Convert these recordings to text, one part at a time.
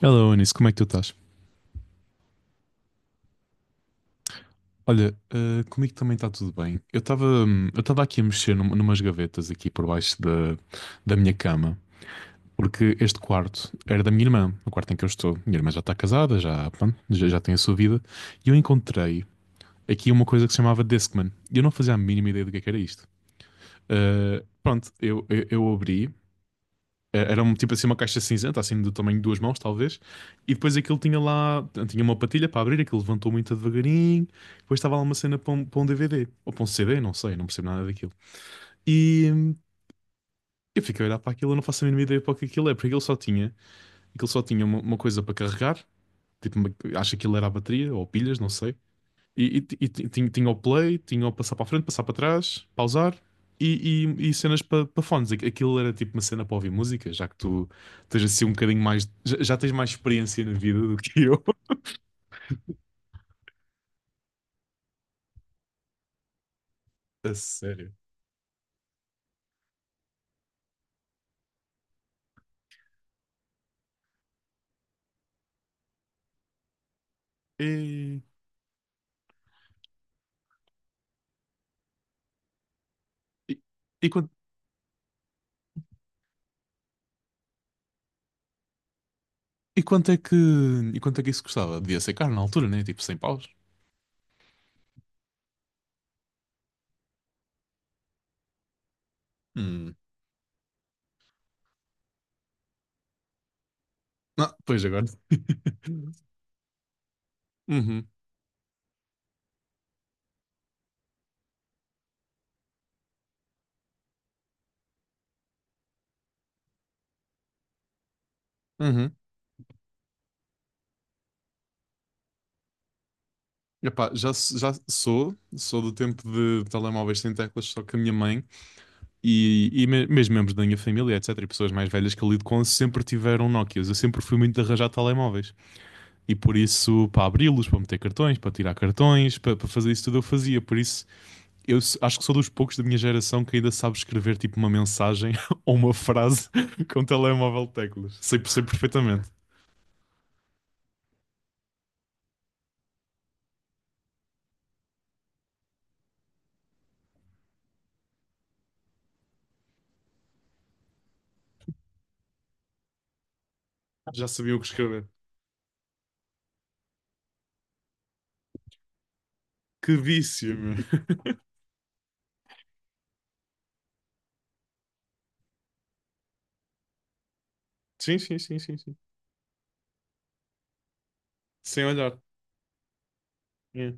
Hello, Anis, como é que tu estás? Olha, comigo também está tudo bem. Eu estava aqui a mexer numas gavetas aqui por baixo da minha cama, porque este quarto era da minha irmã, o quarto em que eu estou. Minha irmã já está casada, pronto, já tem a sua vida, e eu encontrei aqui uma coisa que se chamava Discman, e eu não fazia a mínima ideia do que é que era isto. Pronto, eu abri. Era tipo assim uma caixa cinzenta, assim do tamanho de duas mãos, talvez. E depois aquilo tinha tinha uma patilha para abrir, aquilo levantou muito devagarinho. Depois estava lá uma cena para um DVD, ou para um CD, não sei, não percebo nada daquilo. E eu fiquei a olhar para aquilo, eu não faço a mínima ideia para o que aquilo é, porque aquilo só tinha uma coisa para carregar, tipo, acho que aquilo era a bateria, ou pilhas, não sei. Tinha o play, tinha o passar para a frente, passar para trás, pausar e cenas para fones. Aquilo era tipo uma cena para ouvir música, já que tu tens assim um bocadinho mais. Já tens mais experiência na vida do que eu. A sério. E, e, e quanto, e quanto é que, E quanto é que isso custava? Devia ser caro na altura, né? Tipo 100 paus. Hum. Ah, pois agora. Uhum, uhum. Epá, já sou do tempo de telemóveis sem teclas, só que a minha mãe. E mesmo membros da minha família, etc., e pessoas mais velhas que eu lido com, sempre tiveram Nokias. Eu sempre fui muito de arranjar telemóveis. E por isso, para abri-los, para meter cartões, para tirar cartões, para, para fazer isso tudo, eu fazia. Por isso, acho que sou dos poucos da minha geração que ainda sabe escrever tipo uma mensagem ou uma frase com telemóvel de teclas. Sei, sei perfeitamente. Já sabia o que escrever. Que vício, meu. Sim, sim, sim, sim, sim. Sem olhar. É.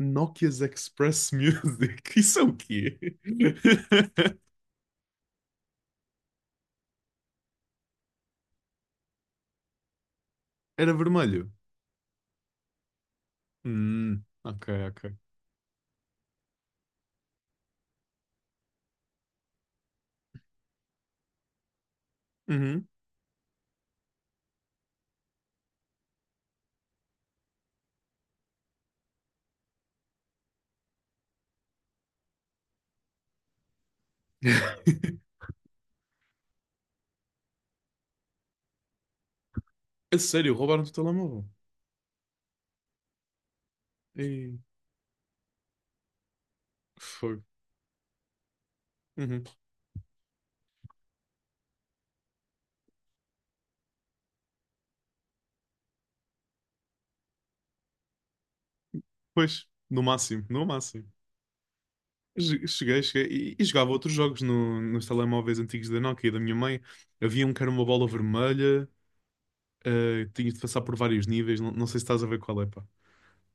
Nokia's Express Music. Isso é o quê? Era vermelho. Ok, ok. Uhum. A sério, roubaram-te o telemóvel. E foi. Uhum. Pois, no máximo, no máximo. Cheguei, cheguei. E jogava outros jogos no, nos telemóveis antigos da Nokia e da minha mãe. Havia um que era uma bola vermelha, tinhas de passar por vários níveis. Não, não sei se estás a ver qual é, pá.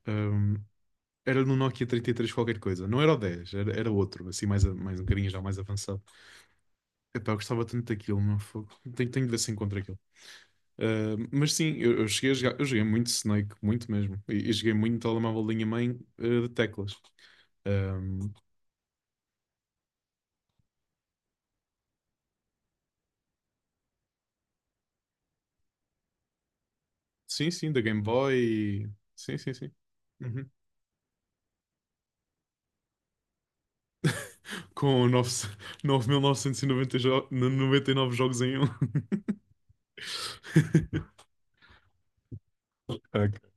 Ahm, Era no Nokia 33 qualquer coisa. Não era o 10. Era outro, assim, mais um bocadinho já mais avançado. Epá, eu gostava tanto daquilo, meu fogo. Tenho, tenho de ver se encontro aquilo. Mas sim, eu cheguei a jogar, eu joguei muito Snake, muito mesmo. E joguei muito telemóvel de linha mãe, de teclas. Um, sim, sim, da Game Boy. Sim, sim, sim. Uhum. Com nove mil novecentos e noventa e nove jogos em um. Ok.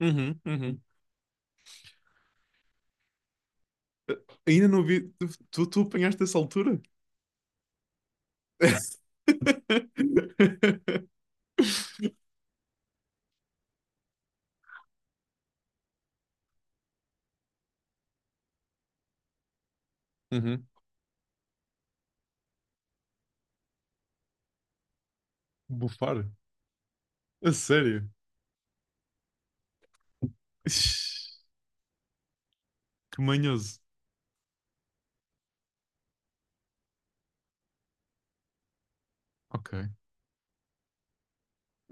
Uhum, uhum. Ainda não vi. Tu apanhaste essa altura? Uhum. Bufar? A sério? Ixi, que manhoso. Ok,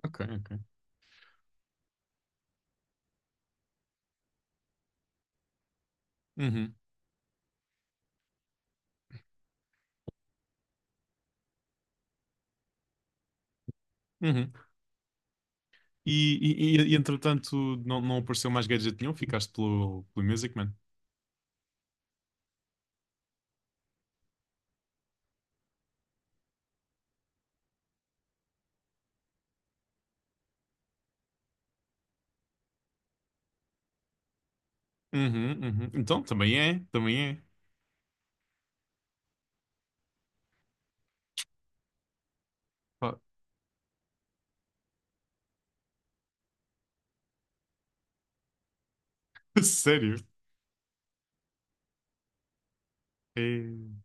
ok, ok. Uhum, uhum. Entretanto não apareceu mais gadget nenhum, ficaste pelo Music Man. Uhum, uhum. Então também é, também é. Pá, sério? É,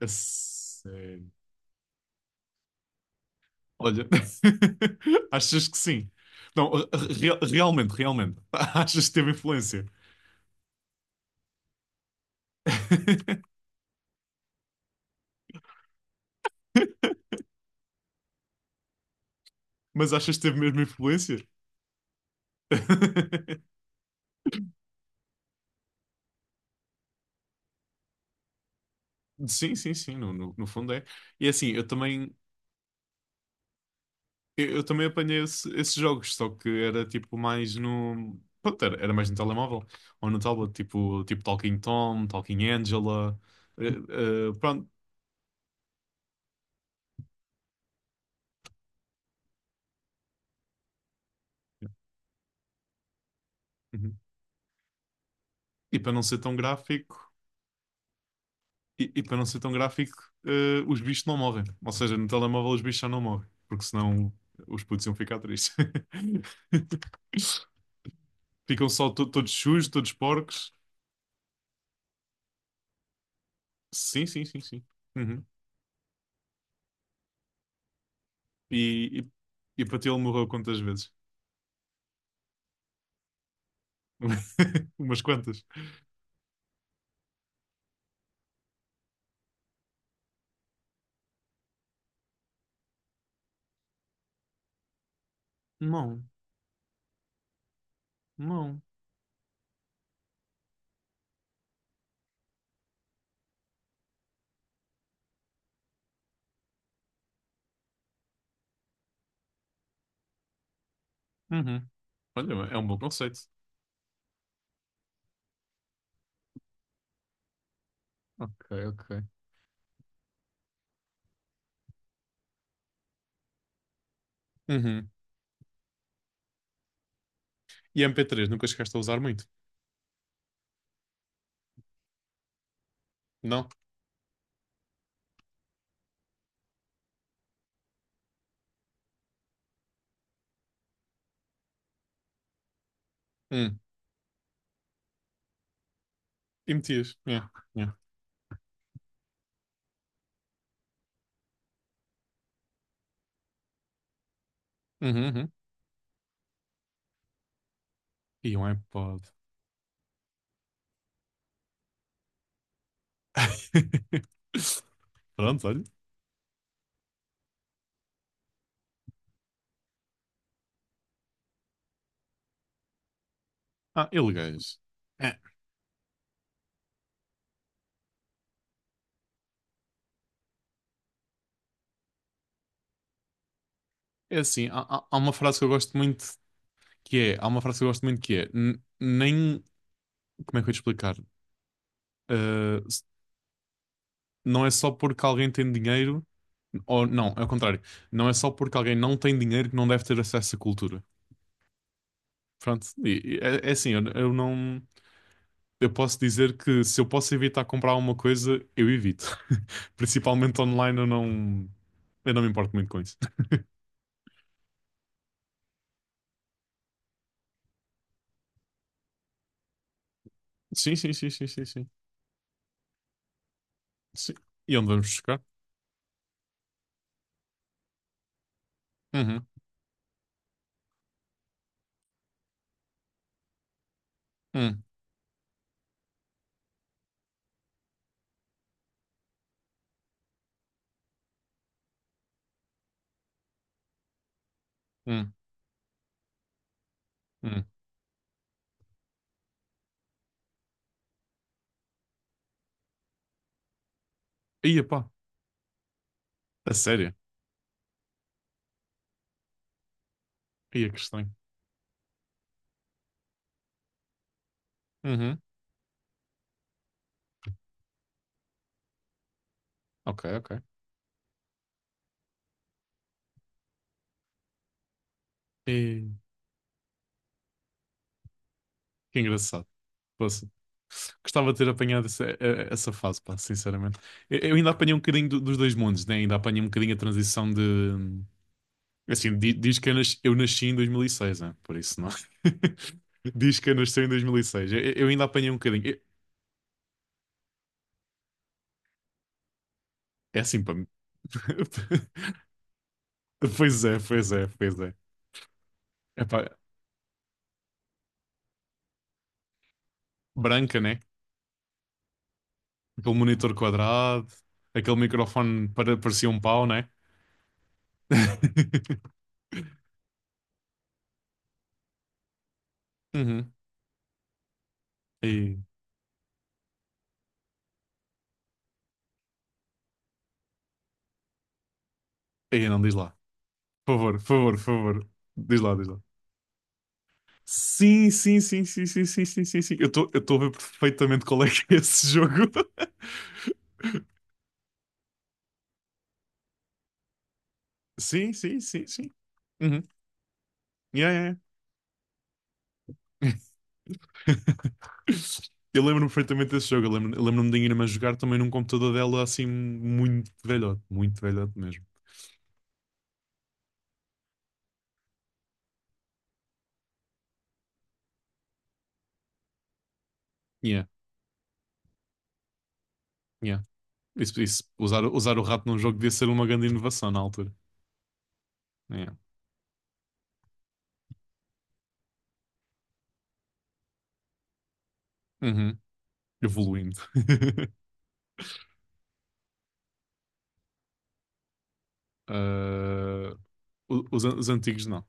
a sério. Olha, achas que sim? Não, realmente, realmente. Achas que teve influência? Mas achas que teve mesmo influência? Sim, sim, sim, no fundo é. E assim, eu também apanhei esses jogos, só que era tipo mais no. Pronto, era mais no telemóvel ou no tablet, tipo, tipo Talking Tom, Talking Angela. eh, Pronto. Uhum. E para não ser tão gráfico, para não ser tão gráfico, os bichos não morrem. Ou seja, no telemóvel os bichos já não morrem, porque senão os putos iam ficar tristes. Ficam só todos sujos, todos porcos. Sim, sim, sim, sim. Uhum. E, e para ti ele morreu quantas vezes? Umas quantas. Não. Não. Uhum. Olha, é um bom conceito. Ok, ok. Uhum. E MP3 nunca chegaste a usar muito? Não? Hum. E metias? Yeah. Yeah. Uhum, uhum. E um iPod. Pronto, olha. Ah, ilegais. É, é assim, há uma frase que eu gosto muito que é, há uma frase que eu gosto muito que é, n- nem, como é que eu ia te explicar? Ah, não é só porque alguém tem dinheiro. Ou não, é o contrário. Não é só porque alguém não tem dinheiro que não deve ter acesso à cultura. Pronto, e é assim, eu não. Eu posso dizer que se eu posso evitar comprar alguma coisa, eu evito. Principalmente online, eu não. Eu não me importo muito com isso. Sim, sim, sim, sim, sim, sim. Sim. E onde vamos buscar? Uhum. Hum, hum, hum. Ia pá, a sério? Ia que estranho. Uhum. Ok, ok. E... Que engraçado. Poxa. Gostava de ter apanhado essa fase, pá, sinceramente. Eu ainda apanhei um bocadinho dos dois mundos, né? Ainda apanhei um bocadinho a transição de. Assim, diz que eu nasci em 2006, né? Por isso não. Diz que eu nasci em 2006. Eu ainda apanhei um bocadinho. É assim, pá. Pois é, pois é, pois é. Epá, branca, né? Aquele monitor quadrado, aquele microfone parecia um pau, né? Uhum. E, e não diz lá. Por favor, por favor, por favor. Diz lá, diz lá. Sim, sim, sim, sim, sim, sim, sim, sim, sim. Eu estou a ver perfeitamente qual é que é esse jogo. Sim, sim, sim, sim. Uhum. Yeah, yeah. Yeah. Eu lembro-me perfeitamente desse jogo. Eu lembro-me da minha irmã jogar também num computador dela assim muito velhote mesmo. Yeah, yeah. Isso, isso. Usar o rato num jogo devia ser uma grande inovação na altura. Yeah. Uhum. Evoluindo. Ah, os antigos não.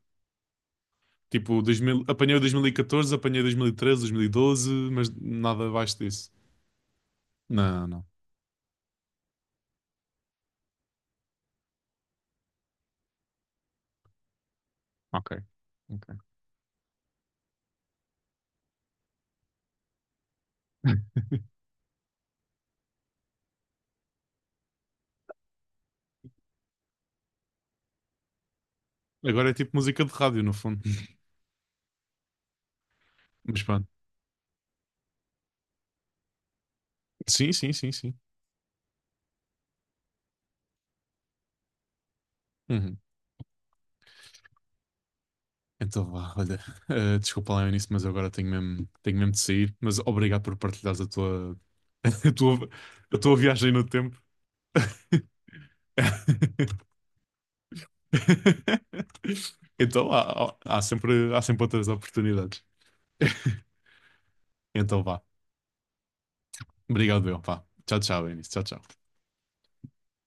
Tipo, 2000, apanhei o 2014, apanhei 2013, 2012, mas nada abaixo disso. Não, não. Ok. Ok. Agora é tipo música de rádio, no fundo. Mas pronto. Sim, sim, sim, sim. Uhum. Então vá, olha. Desculpa lá o início, mas eu agora tenho mesmo de sair. Mas obrigado por partilhares a tua, a tua viagem no tempo. Então há sempre outras oportunidades. Então vá. Obrigado, eu. Vá. Tchau, tchau, Eunice. Tchau, tchau.